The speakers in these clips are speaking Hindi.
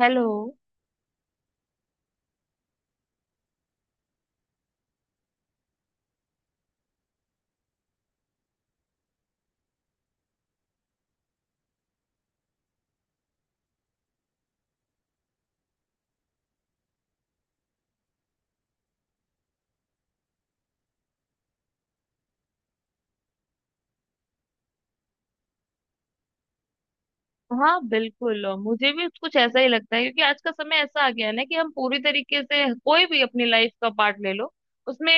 हेलो। हाँ बिल्कुल, और मुझे भी कुछ ऐसा ही लगता है, क्योंकि आज का समय ऐसा आ गया है ना कि हम पूरी तरीके से कोई भी अपनी लाइफ का पार्ट ले लो, उसमें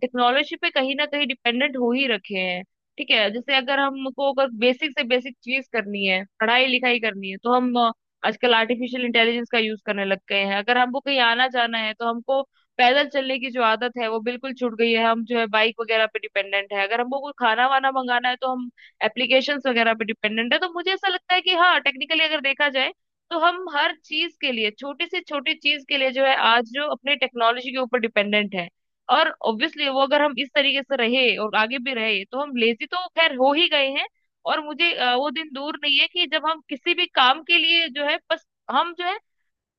टेक्नोलॉजी पे कहीं ना कहीं डिपेंडेंट हो ही रखे हैं। ठीक है, जैसे अगर हमको अगर बेसिक से बेसिक चीज करनी है, पढ़ाई लिखाई करनी है, तो हम आजकल आर्टिफिशियल इंटेलिजेंस का यूज करने लग गए हैं। अगर हमको कहीं आना जाना है तो हमको पैदल चलने की जो आदत है वो बिल्कुल छूट गई है, हम जो है बाइक वगैरह पे डिपेंडेंट है। अगर हमको कोई खाना वाना मंगाना है तो हम एप्लीकेशंस वगैरह पे डिपेंडेंट है। तो मुझे ऐसा लगता है कि हाँ टेक्निकली अगर देखा जाए तो हम हर चीज के लिए, छोटी से छोटी चीज के लिए जो है आज जो अपने टेक्नोलॉजी के ऊपर डिपेंडेंट है। और ऑब्वियसली वो अगर हम इस तरीके से रहे और आगे भी रहे तो हम लेजी तो खैर हो ही गए हैं। और मुझे वो दिन दूर नहीं है कि जब हम किसी भी काम के लिए जो है बस, हम जो है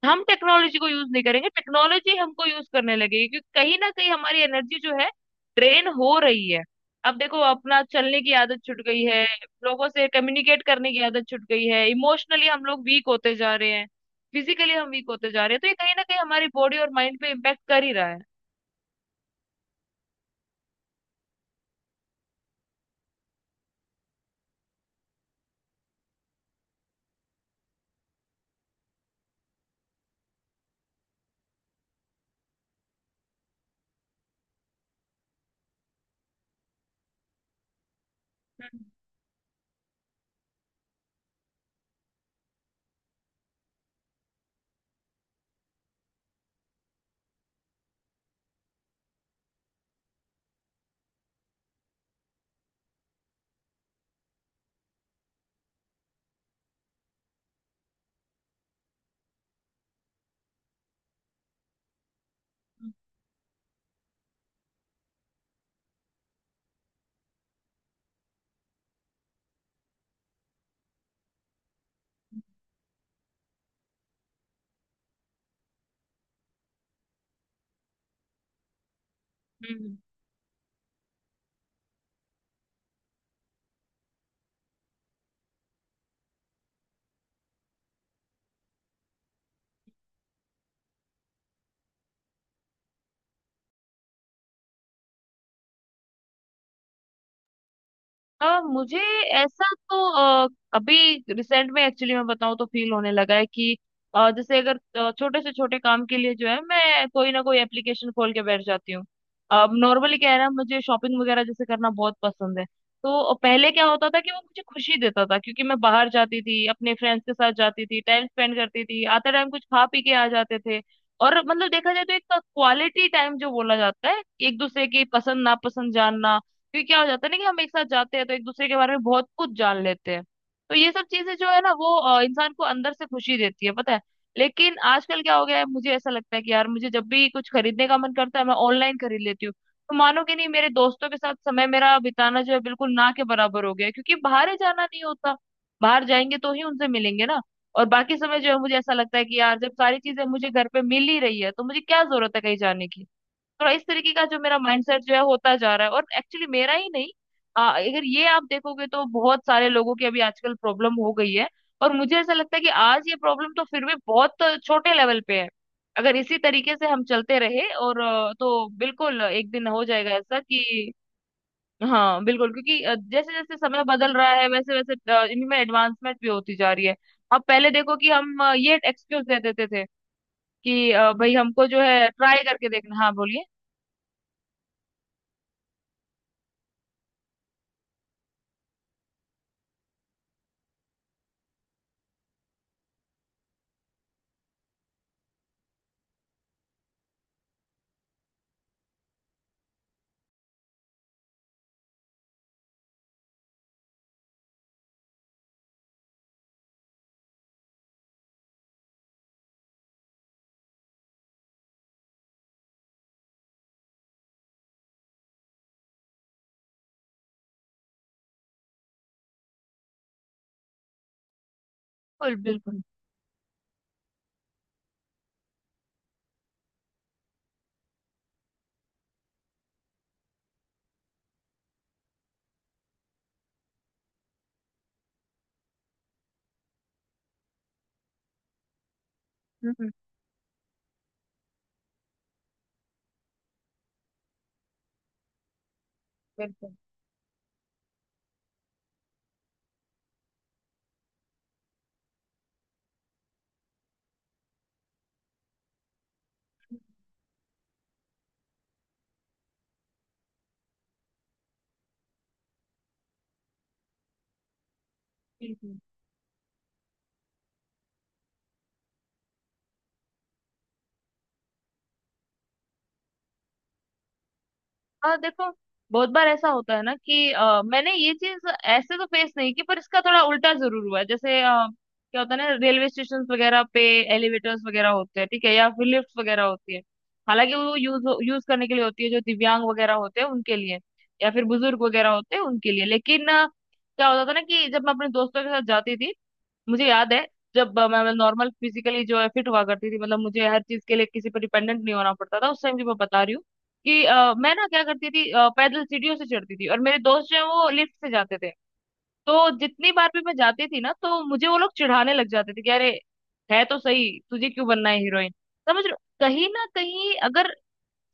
हम टेक्नोलॉजी को यूज नहीं करेंगे, टेक्नोलॉजी हमको यूज करने लगेगी, क्योंकि कहीं ना कहीं हमारी एनर्जी जो है ड्रेन हो रही है। अब देखो अपना चलने की आदत छूट गई है, लोगों से कम्युनिकेट करने की आदत छूट गई है, इमोशनली हम लोग वीक होते जा रहे हैं, फिजिकली हम वीक होते जा रहे हैं, तो ये कहीं ना कहीं हमारी बॉडी और माइंड पे इम्पेक्ट कर ही रहा है। हम्म हम्म हम्म। मुझे ऐसा तो अ, अभी रिसेंट में एक्चुअली मैं बताऊं तो फील होने लगा है कि जैसे अगर छोटे से छोटे काम के लिए जो है मैं कोई ना कोई एप्लीकेशन खोल के बैठ जाती हूँ। अब नॉर्मली क्या है ना, मुझे शॉपिंग वगैरह जैसे करना बहुत पसंद है। तो पहले क्या होता था कि वो मुझे खुशी देता था, क्योंकि मैं बाहर जाती थी, अपने फ्रेंड्स के साथ जाती थी, टाइम स्पेंड करती थी, आते टाइम कुछ खा पी के आ जाते थे। और मतलब देखा जाए तो एक क्वालिटी टाइम जो बोला जाता है, एक दूसरे की पसंद नापसंद जानना, क्योंकि क्या हो जाता है ना कि हम एक साथ जाते हैं तो एक दूसरे के बारे में बहुत कुछ जान लेते हैं। तो ये सब चीजें जो है ना वो इंसान को अंदर से खुशी देती है, पता है। लेकिन आजकल क्या हो गया है, मुझे ऐसा लगता है कि यार मुझे जब भी कुछ खरीदने का मन करता है मैं ऑनलाइन खरीद लेती हूँ। तो मानोगे नहीं, मेरे दोस्तों के साथ समय मेरा बिताना जो है बिल्कुल ना के बराबर हो गया है, क्योंकि बाहर ही जाना नहीं होता। बाहर जाएंगे तो ही उनसे मिलेंगे ना। और बाकी समय जो है मुझे ऐसा लगता है कि यार जब सारी चीजें मुझे घर पे मिल ही रही है तो मुझे क्या जरूरत है कहीं जाने की। थोड़ा इस तरीके का जो मेरा माइंडसेट जो है होता जा रहा है, और एक्चुअली मेरा ही नहीं, अगर ये आप देखोगे तो बहुत सारे लोगों की अभी आजकल प्रॉब्लम हो गई है। और मुझे ऐसा लगता है कि आज ये प्रॉब्लम तो फिर भी बहुत छोटे लेवल पे है। अगर इसी तरीके से हम चलते रहे और तो बिल्कुल एक दिन हो जाएगा ऐसा कि हाँ बिल्कुल, क्योंकि जैसे जैसे समय बदल रहा है वैसे वैसे इनमें एडवांसमेंट भी होती जा रही है। अब पहले देखो कि हम ये एक्सक्यूज दे देते थे कि भाई हमको जो है ट्राई करके देखना। हाँ बोलिए, बिल्कुल बिल्कुल। हम्म। बिल्कुल बिल्कुल। और देखो बहुत बार ऐसा होता है ना कि मैंने ये चीज ऐसे तो फेस नहीं की, पर इसका थोड़ा उल्टा जरूर हुआ है। जैसे क्या होता है ना, रेलवे स्टेशन वगैरह पे एलिवेटर्स वगैरह होते हैं, ठीक है, या फिर लिफ्ट वगैरह होती है। हालांकि वो यूज यूज करने के लिए होती है जो दिव्यांग वगैरह होते हैं उनके लिए, या फिर बुजुर्ग वगैरह होते हैं उनके लिए, लेकिन क्या होता था ना कि जब मैं अपने दोस्तों के साथ जाती थी, मुझे याद है, जब मैं नॉर्मल फिजिकली जो है फिट हुआ करती थी, मतलब मुझे हर चीज के लिए किसी पर डिपेंडेंट नहीं होना पड़ता था, उस टाइम की मैं बता रही हूँ, कि मैं ना क्या करती थी, पैदल सीढ़ियों से चढ़ती थी और मेरे दोस्त जो है वो लिफ्ट से जाते थे। तो जितनी बार भी मैं जाती थी ना तो मुझे वो लोग चिढ़ाने लग जाते थे कि अरे, है तो सही, तुझे क्यों बनना है हीरोइन। समझ रहे हो? कहीं ना कहीं अगर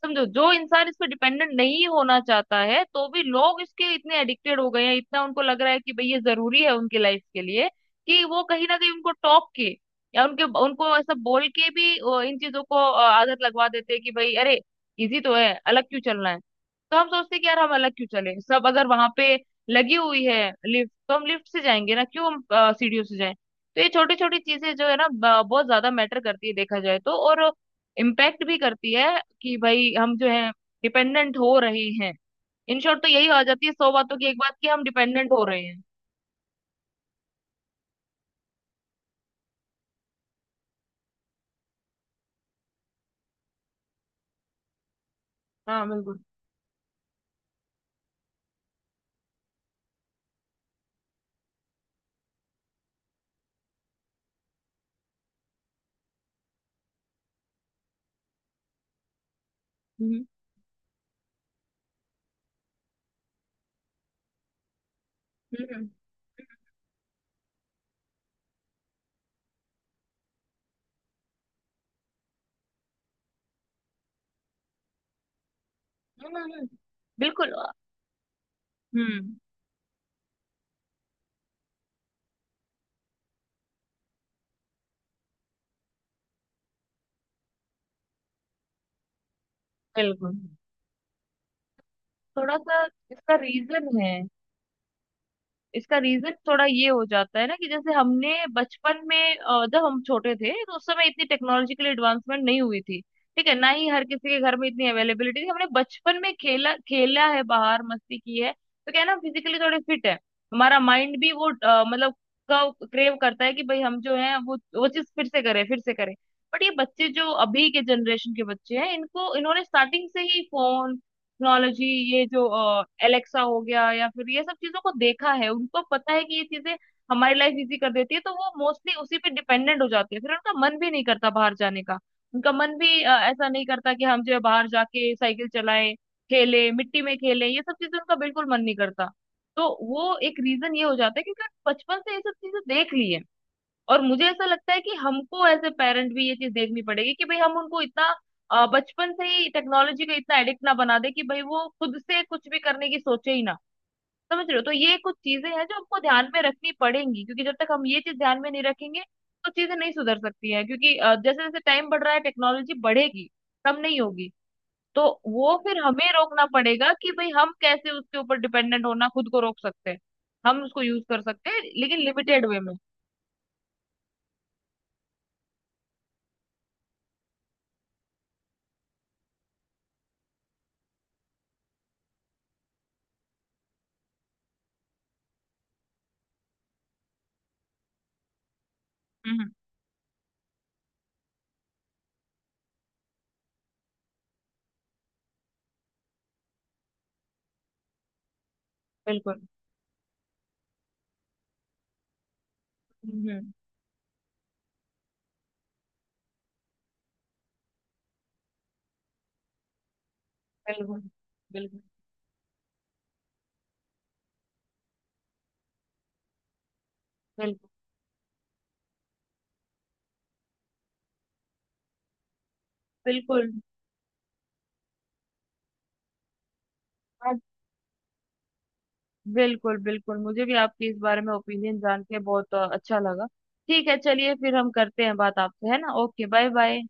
समझो, जो इंसान इस पे डिपेंडेंट नहीं होना चाहता है तो भी लोग इसके इतने एडिक्टेड हो गए हैं, इतना उनको लग रहा है कि भाई ये जरूरी है उनकी लाइफ के लिए, कि वो कहीं ना कहीं उनको टोक के या उनके उनको ऐसा बोल के भी इन चीजों को आदत लगवा देते हैं कि भाई अरे, इजी तो है, अलग क्यों चलना है। तो हम सोचते हैं कि यार हम अलग क्यों चले, सब अगर वहां पे लगी हुई है लिफ्ट तो हम लिफ्ट से जाएंगे ना, क्यों हम सीढ़ियों से जाएं। तो ये छोटी छोटी चीजें जो है ना बहुत ज्यादा मैटर करती है देखा जाए तो, और इम्पैक्ट भी करती है कि भाई हम जो है डिपेंडेंट हो रहे हैं। इन शॉर्ट तो यही आ जाती है, सौ बातों की एक बात, कि हम डिपेंडेंट हो रहे हैं। हाँ बिल्कुल। हम्म हम्म हम्म हम्म, हम्म, बिल्कुल। हम्म। बिल्कुल। थोड़ा सा इसका रीजन है। इसका रीजन थोड़ा ये हो जाता है ना कि जैसे हमने बचपन में, जब हम छोटे थे तो उस समय इतनी टेक्नोलॉजिकल एडवांसमेंट नहीं हुई थी, ठीक है, ना ही हर किसी के घर में इतनी अवेलेबिलिटी थी। हमने बचपन में खेला खेला है, बाहर मस्ती की है, तो क्या है ना, फिजिकली थोड़े फिट है, हमारा माइंड भी वो मतलब क्रेव करता है कि भाई हम जो है वो चीज फिर से करें फिर से करें। बट ये बच्चे जो अभी के जनरेशन के बच्चे हैं, इनको इन्होंने स्टार्टिंग से ही फोन, टेक्नोलॉजी, ये जो एलेक्सा हो गया या फिर ये सब चीजों को देखा है, उनको पता है कि ये चीजें हमारी लाइफ इजी कर देती है, तो वो मोस्टली उसी पे डिपेंडेंट हो जाते हैं, फिर उनका मन भी नहीं करता बाहर जाने का। उनका मन भी ऐसा नहीं करता कि हम जो है बाहर जाके साइकिल चलाएं, खेलें, मिट्टी में खेलें, ये सब चीजें उनका बिल्कुल मन नहीं करता। तो वो एक रीजन ये हो जाता है, क्योंकि बचपन से ये सब चीजें देख ली है। और मुझे ऐसा लगता है कि हमको एज ए पेरेंट भी ये चीज देखनी पड़ेगी कि भाई हम उनको इतना बचपन से ही टेक्नोलॉजी का इतना एडिक्ट ना बना दे कि भाई वो खुद से कुछ भी करने की सोचे ही ना। समझ रहे हो, तो ये कुछ चीजें हैं जो हमको ध्यान में रखनी पड़ेंगी, क्योंकि जब तक हम ये चीज ध्यान में नहीं रखेंगे तो चीजें नहीं सुधर सकती है, क्योंकि जैसे जैसे टाइम बढ़ रहा है टेक्नोलॉजी बढ़ेगी, कम नहीं होगी। तो वो फिर हमें रोकना पड़ेगा कि भाई हम कैसे उसके ऊपर डिपेंडेंट होना खुद को रोक सकते हैं। हम उसको यूज कर सकते हैं लेकिन लिमिटेड वे में। हम्म बिल्कुल। हम्म बिल्कुल बिल्कुल बिल्कुल। बिल्कुल हाँ, बिल्कुल बिल्कुल, मुझे भी आपके इस बारे में ओपिनियन जान के बहुत अच्छा लगा। ठीक है चलिए, फिर हम करते हैं बात आपसे, है ना। Okay bye bye.